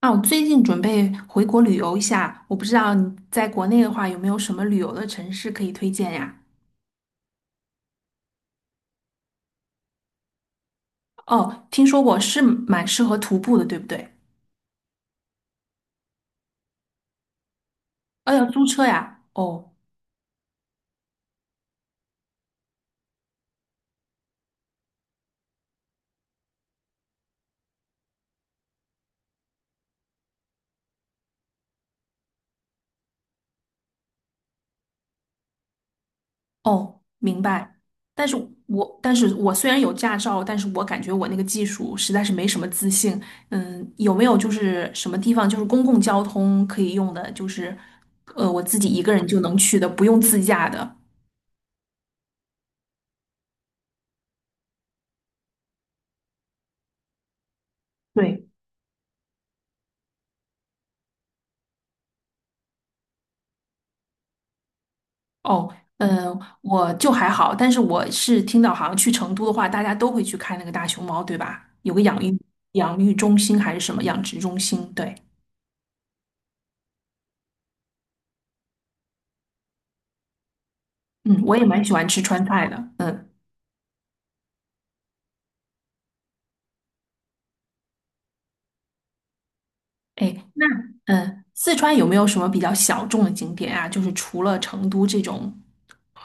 啊，我最近准备回国旅游一下，我不知道你在国内的话有没有什么旅游的城市可以推荐呀？哦，听说过是蛮适合徒步的，对不对？哦，要租车呀？哦哦，明白。但是但是我虽然有驾照，但是我感觉我那个技术实在是没什么自信。嗯，有没有就是什么地方就是公共交通可以用的，就是我自己一个人就能去的，不用自驾的？对。哦，嗯，我就还好，但是我是听到好像去成都的话，大家都会去看那个大熊猫，对吧？有个养育中心还是什么养殖中心？对，嗯，我也蛮喜欢吃川菜的，嗯，哎，那嗯，四川有没有什么比较小众的景点啊？就是除了成都这种，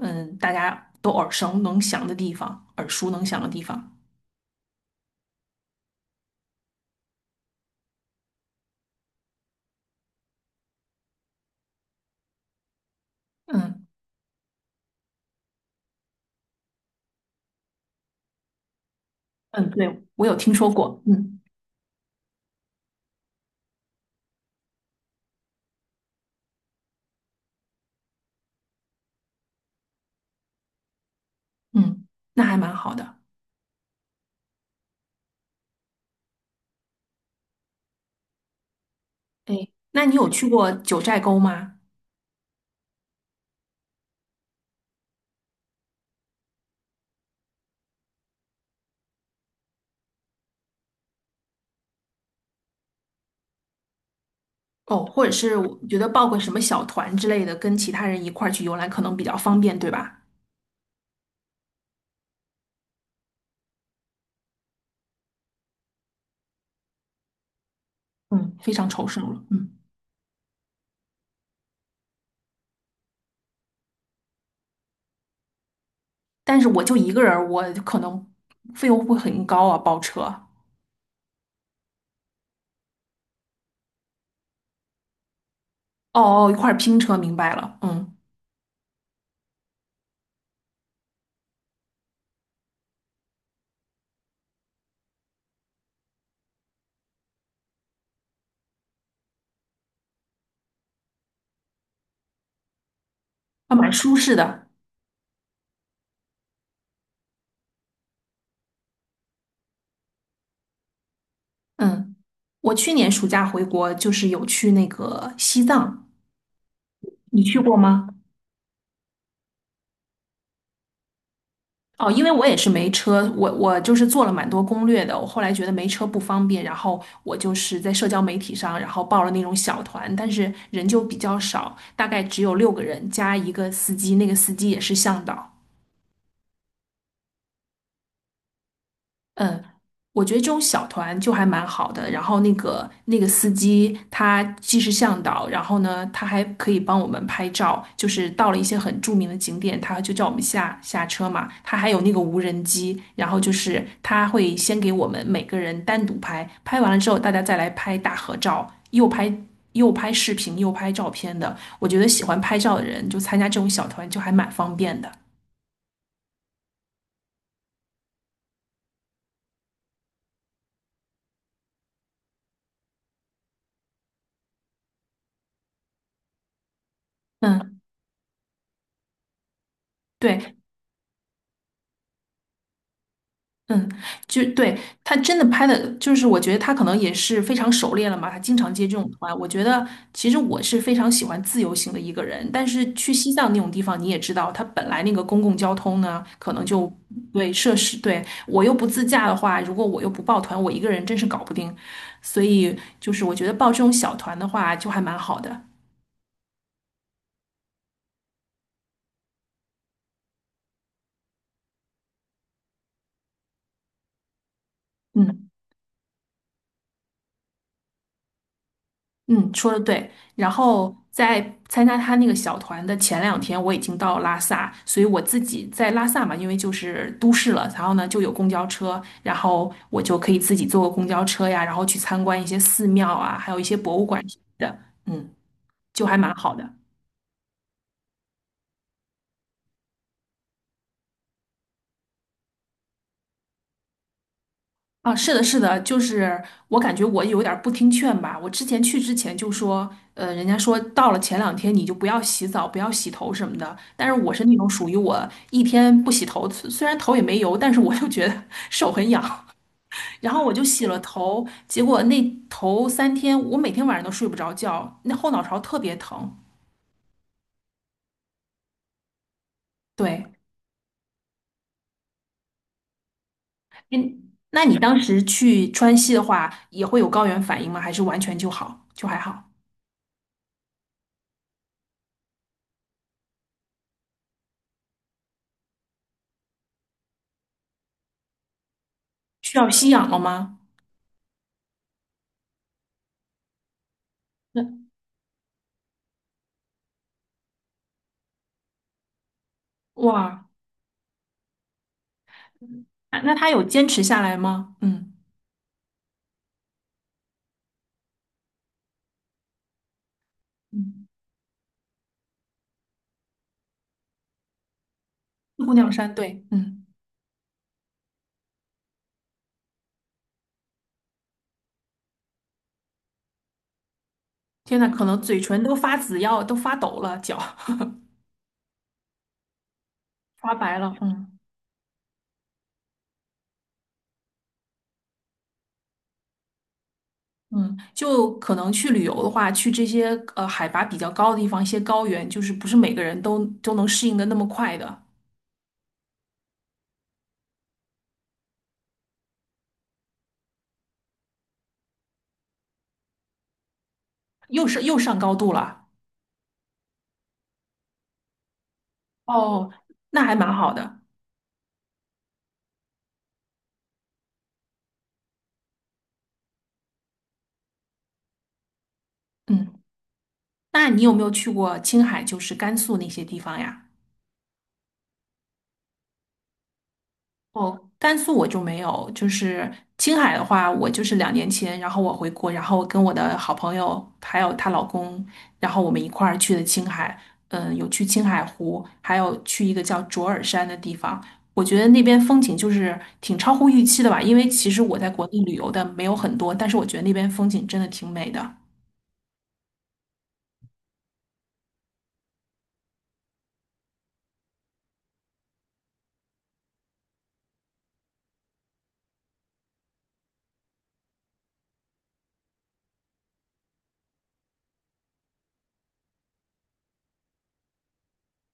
嗯，大家都耳熟能详的地方，嗯嗯，对，我有听说过，嗯嗯，那还蛮好的。哎，那你有去过九寨沟吗？哦，或者是我觉得报个什么小团之类的，跟其他人一块儿去游览可能比较方便，对吧？嗯，非常抽象了。嗯，但是我就一个人儿我可能费用会很高啊，包车。哦哦，一块儿拼车，明白了。嗯，啊，蛮舒适的。嗯，我去年暑假回国就是有去那个西藏，你去过吗？哦，因为我也是没车，我就是做了蛮多攻略的。我后来觉得没车不方便，然后我就是在社交媒体上，然后报了那种小团，但是人就比较少，大概只有六个人加一个司机，那个司机也是向导。嗯，我觉得这种小团就还蛮好的。然后那个司机，他既是向导，然后呢，他还可以帮我们拍照。就是到了一些很著名的景点，他就叫我们下车嘛。他还有那个无人机，然后就是他会先给我们每个人单独拍，拍完了之后大家再来拍大合照，又拍视频又拍照片的。我觉得喜欢拍照的人就参加这种小团就还蛮方便的。嗯，对，嗯，就对，他真的拍的，就是我觉得他可能也是非常熟练了嘛，他经常接这种团。我觉得其实我是非常喜欢自由行的一个人，但是去西藏那种地方，你也知道，它本来那个公共交通呢，可能就对设施，对，我又不自驾的话，如果我又不报团，我一个人真是搞不定。所以就是我觉得报这种小团的话，就还蛮好的。嗯。嗯，说的对。然后在参加他那个小团的前两天，我已经到拉萨，所以我自己在拉萨嘛，因为就是都市了，然后呢就有公交车，然后我就可以自己坐个公交车呀，然后去参观一些寺庙啊，还有一些博物馆什么的，嗯，就还蛮好的。啊，是的，是的，就是我感觉我有点儿不听劝吧。我之前去之前就说，人家说到了前两天你就不要洗澡，不要洗头什么的。但是我是那种属于我一天不洗头，虽然头也没油，但是我就觉得 手很痒。然后我就洗了头，结果那头三天我每天晚上都睡不着觉，那后脑勺特别疼。对，嗯，那你当时去川西的话，也会有高原反应吗？还是完全就好，就还好？需要吸氧了吗？那哇。啊那他有坚持下来吗？嗯嗯，姑娘山，对，嗯，天呐，可能嘴唇都发紫要都发抖了，脚 发白了，嗯嗯，就可能去旅游的话，去这些海拔比较高的地方，一些高原，就是不是每个人都能适应的那么快的，又是又上高度了，哦，那还蛮好的，嗯，那你有没有去过青海，就是甘肃那些地方呀？哦，甘肃我就没有，就是青海的话，我就是两年前，然后我回国，然后跟我的好朋友还有她老公，然后我们一块儿去的青海，嗯，有去青海湖，还有去一个叫卓尔山的地方。我觉得那边风景就是挺超乎预期的吧，因为其实我在国内旅游的没有很多，但是我觉得那边风景真的挺美的。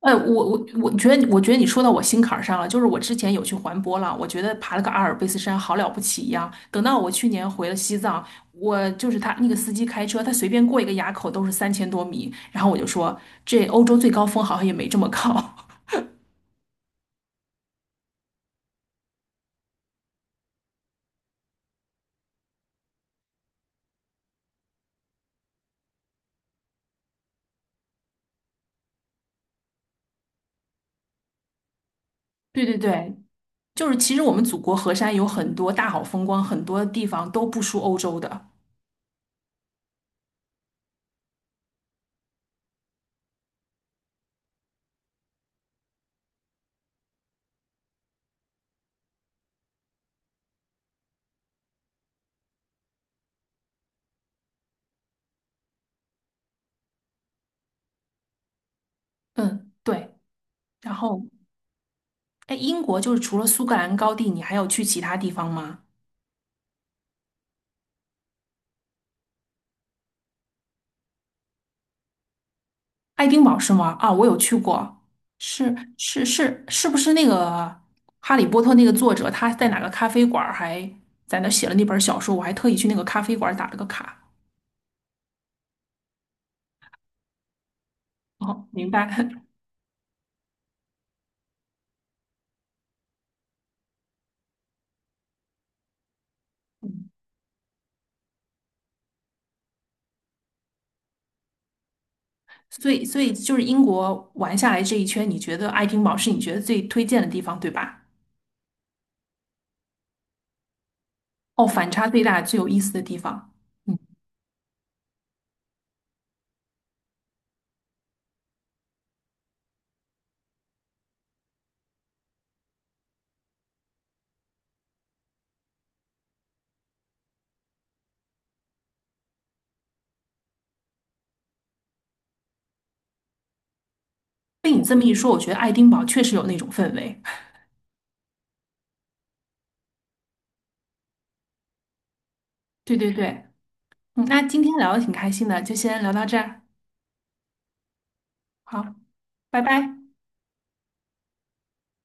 我觉得你说到我心坎儿上了。就是我之前有去环波浪，我觉得爬了个阿尔卑斯山好了不起一样。等到我去年回了西藏，我就是他那个司机开车，他随便过一个垭口都是三千多米，然后我就说这欧洲最高峰好像也没这么高。对对对，就是其实我们祖国河山有很多大好风光，很多地方都不输欧洲的。嗯，对。然后，哎，英国就是除了苏格兰高地，你还有去其他地方吗？爱丁堡是吗？啊，我有去过，是是是，是不是那个《哈利波特》那个作者，他在哪个咖啡馆儿还在那写了那本小说？我还特意去那个咖啡馆儿打了个卡。哦，明白。所以就是英国玩下来这一圈，你觉得爱丁堡是你觉得最推荐的地方，对吧？哦，反差最大、最有意思的地方。嗯，被你这么一说，我觉得爱丁堡确实有那种氛围。对对对，嗯，那今天聊的挺开心的，就先聊到这儿。好，拜拜。